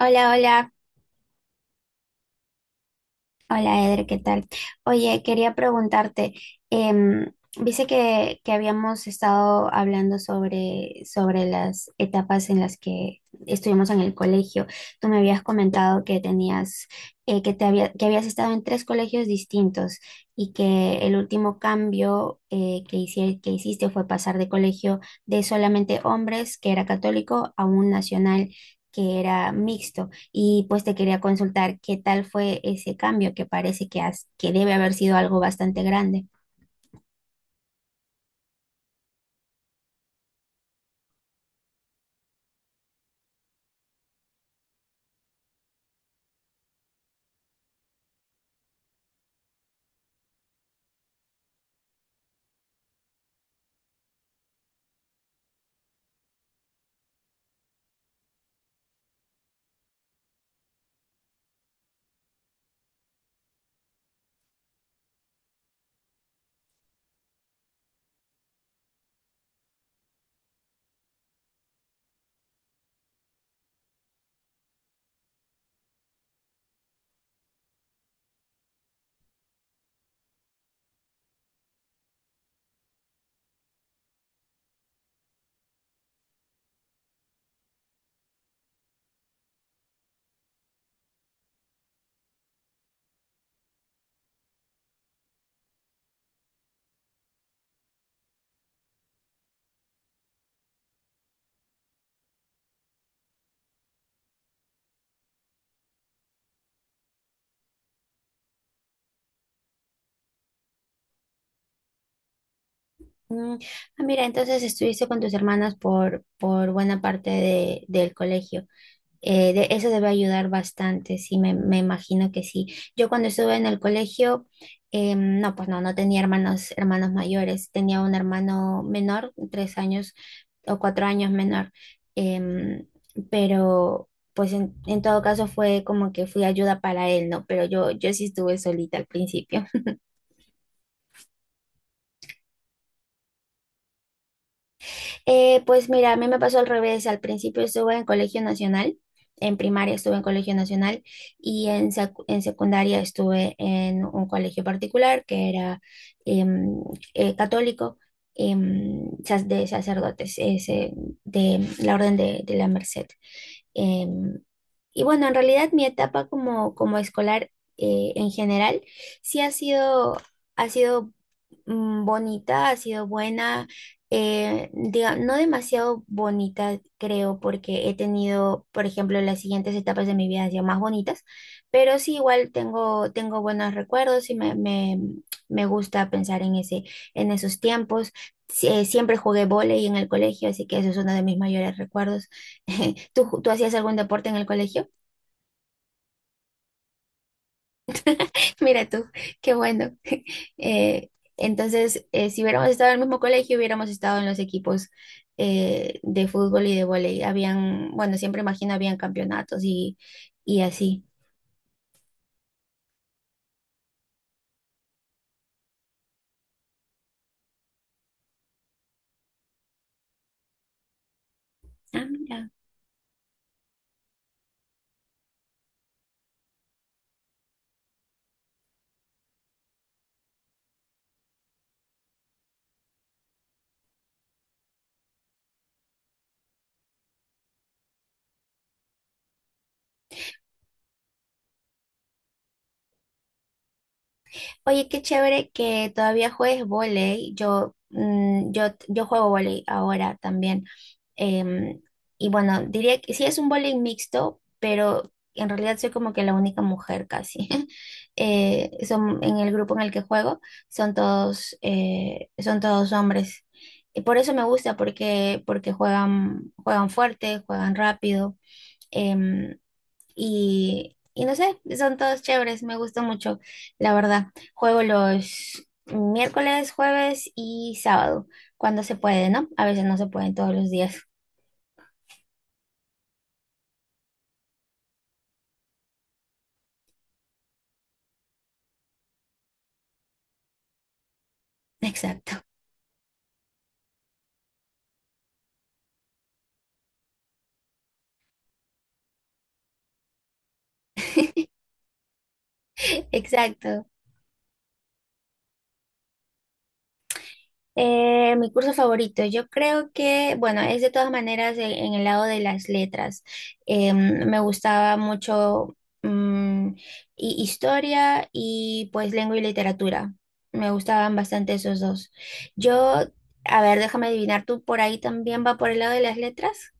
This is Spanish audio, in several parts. Hola, hola, hola Eder, ¿qué tal? Oye, quería preguntarte, em, viste que habíamos estado hablando sobre las etapas en las que estuvimos en el colegio. Tú me habías comentado que tenías, que te había, que habías estado en tres colegios distintos y que el último cambio que hiciste fue pasar de colegio de solamente hombres, que era católico, a un nacional que era mixto. Y pues te quería consultar qué tal fue ese cambio que parece que, has- que debe haber sido algo bastante grande. Mm, ah, mira, entonces estuviste con tus hermanas por buena parte del colegio. Eso debe ayudar bastante, sí, me imagino que sí. Yo cuando estuve en el colegio, no, pues no tenía hermanos, hermanos mayores, tenía un hermano menor, 3 años o 4 años menor, em, pero pues en todo caso fue como que fui ayuda para él, ¿no? Pero yo sí estuve solita al principio. Pues mira, a mí me pasó al revés. Al principio estuve en colegio nacional, en primaria estuve en colegio nacional y en secundaria estuve en un colegio particular que era, em, católico, de sacerdotes, ese, de la Orden de la Merced. Em, y bueno, en realidad mi etapa como, como escolar, en general sí ha sido bonita, ha sido buena, no demasiado bonita, creo, porque he tenido, por ejemplo, las siguientes etapas de mi vida han sido más bonitas, pero sí igual tengo buenos recuerdos y me gusta pensar en esos tiempos. Sí, siempre jugué vóley en el colegio, así que eso es uno de mis mayores recuerdos. ¿Tú hacías algún deporte en el colegio? Mira tú, qué bueno. Eh, entonces, si hubiéramos estado en el mismo colegio, hubiéramos estado en los equipos, de fútbol y de vóley. Habían, bueno, siempre imagino, habían campeonatos y así. Ah, mira. Oye, qué chévere que todavía juegues vóley. Yo juego vóley ahora también. Em, y bueno, diría que sí es un bowling mixto, pero en realidad soy como que la única mujer casi. En el grupo en el que juego son todos hombres. Y por eso me gusta, porque juegan, juegan fuerte, juegan rápido. em, y no sé, son todos chéveres, me gusta mucho, la verdad. Juego los miércoles, jueves y sábado, cuando se puede, ¿no? A veces no se pueden todos los días. Exacto, exacto. Mi curso favorito, yo creo que, bueno, es de todas maneras en el lado de las letras. Me gustaba mucho, mm, historia y pues lengua y literatura. Me gustaban bastante esos dos. Yo, a ver, déjame adivinar, ¿tú por ahí también va por el lado de las letras?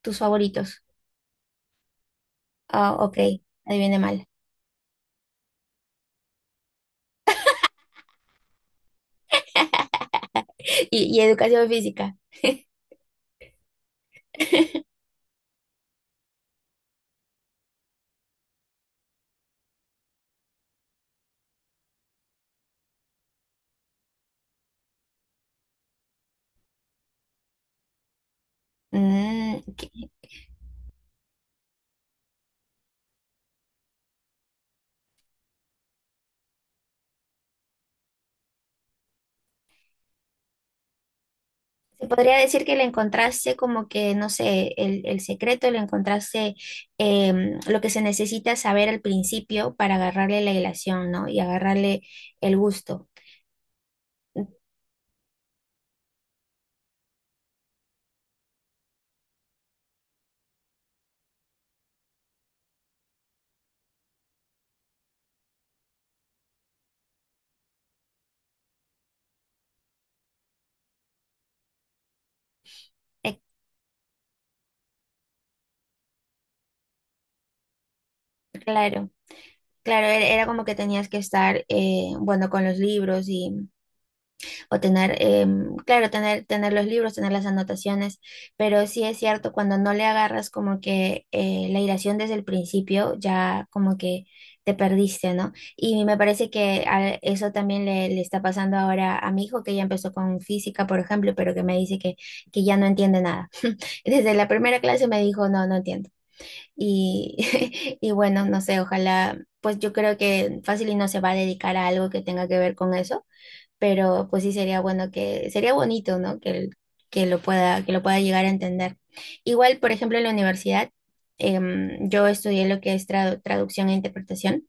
¿Tus favoritos? Ah, ok, adiviné mal. Y educación física. Mm, ¿qué- Se podría decir que le encontraste como que, no sé, el secreto, le encontraste, lo que se necesita saber al principio para agarrarle la ilación, ¿no? Y agarrarle el gusto. Eh, Claro. Claro, era como que tenías que estar, bueno, con los libros y, o tener, claro, tener los libros, tener las anotaciones, pero sí es cierto, cuando no le agarras como que, la iracción desde el principio, ya como que te perdiste, ¿no? Y me parece que a eso también le está pasando ahora a mi hijo, que ya empezó con física, por ejemplo, pero que me dice que ya no entiende nada. Desde la primera clase me dijo, no, no entiendo. Y, y bueno, no sé, ojalá, pues yo creo que fácil y no se va a dedicar a algo que tenga que ver con eso, pero pues sí sería bueno que, sería bonito, ¿no? Que lo pueda llegar a entender. Igual, por ejemplo, en la universidad, yo estudié lo que es traducción e interpretación.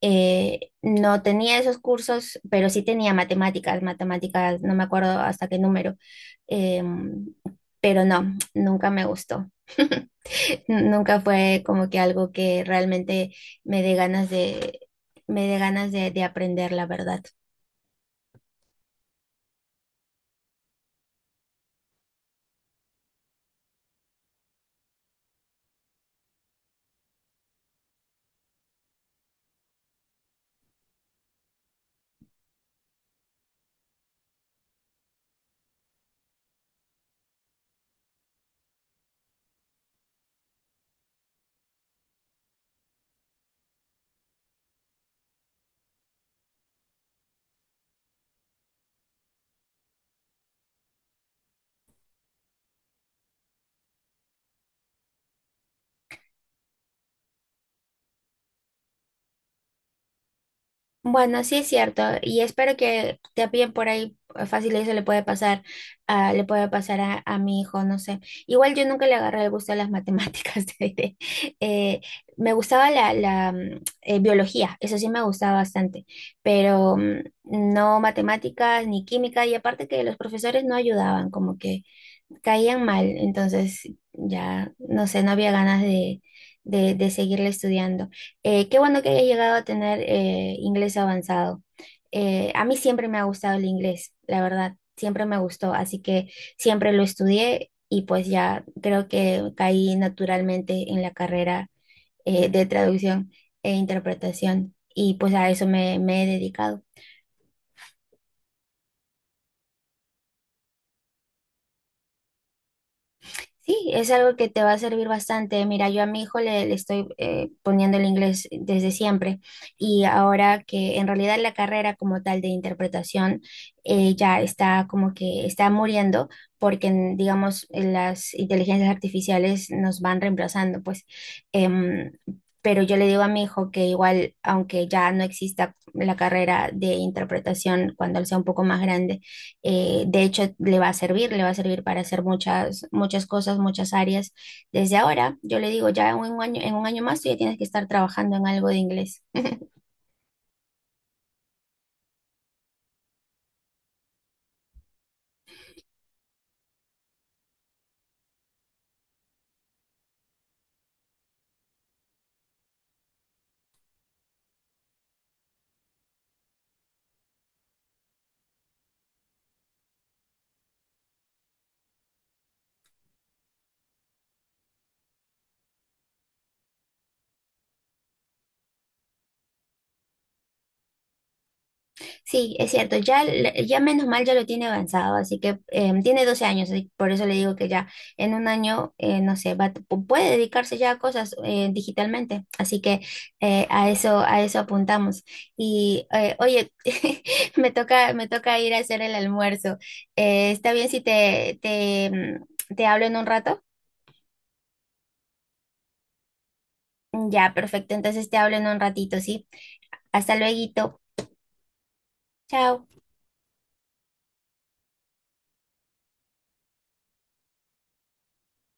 No tenía esos cursos, pero sí tenía matemáticas, no me acuerdo hasta qué número, em, pero no, nunca me gustó. Nunca fue como que algo que realmente me dé ganas de, me dé ganas de aprender, la verdad. Bueno, sí es cierto, y espero que te también por ahí, fácil eso le puede pasar, le puede pasar a mi hijo, no sé. Igual yo nunca le agarré el gusto a las matemáticas, te diré. Eh, Me gustaba la biología, eso sí me gustaba bastante, pero, no matemáticas ni química, y aparte que los profesores no ayudaban, como que caían mal, entonces ya, no sé, no había ganas de seguirle estudiando. Qué bueno que haya llegado a tener, inglés avanzado. A mí siempre me ha gustado el inglés, la verdad, siempre me gustó, así que siempre lo estudié y pues ya creo que caí naturalmente en la carrera, de traducción e interpretación y pues a eso me he dedicado. Sí, es algo que te va a servir bastante. Mira, yo a mi hijo le estoy, poniendo el inglés desde siempre y ahora que en realidad la carrera como tal de interpretación, ya está como que está muriendo porque, digamos en las inteligencias artificiales nos van reemplazando, pues. Em, pero yo le digo a mi hijo que igual, aunque ya no exista la carrera de interpretación cuando él sea un poco más grande, de hecho, le va a servir para hacer muchas, muchas cosas, muchas áreas. Desde ahora, yo le digo, ya en un año más tú ya tienes que estar trabajando en algo de inglés. Sí, es cierto, ya, ya menos mal ya lo tiene avanzado, así que tiene 12 años, por eso le digo que ya en un año, no sé, puede dedicarse ya a cosas, digitalmente, así que a eso apuntamos. Y, oye, me toca ir a hacer el almuerzo. ¿Está bien si te hablo en un rato? Ya, perfecto, entonces te hablo en un ratito, ¿sí? Hasta luego, chao.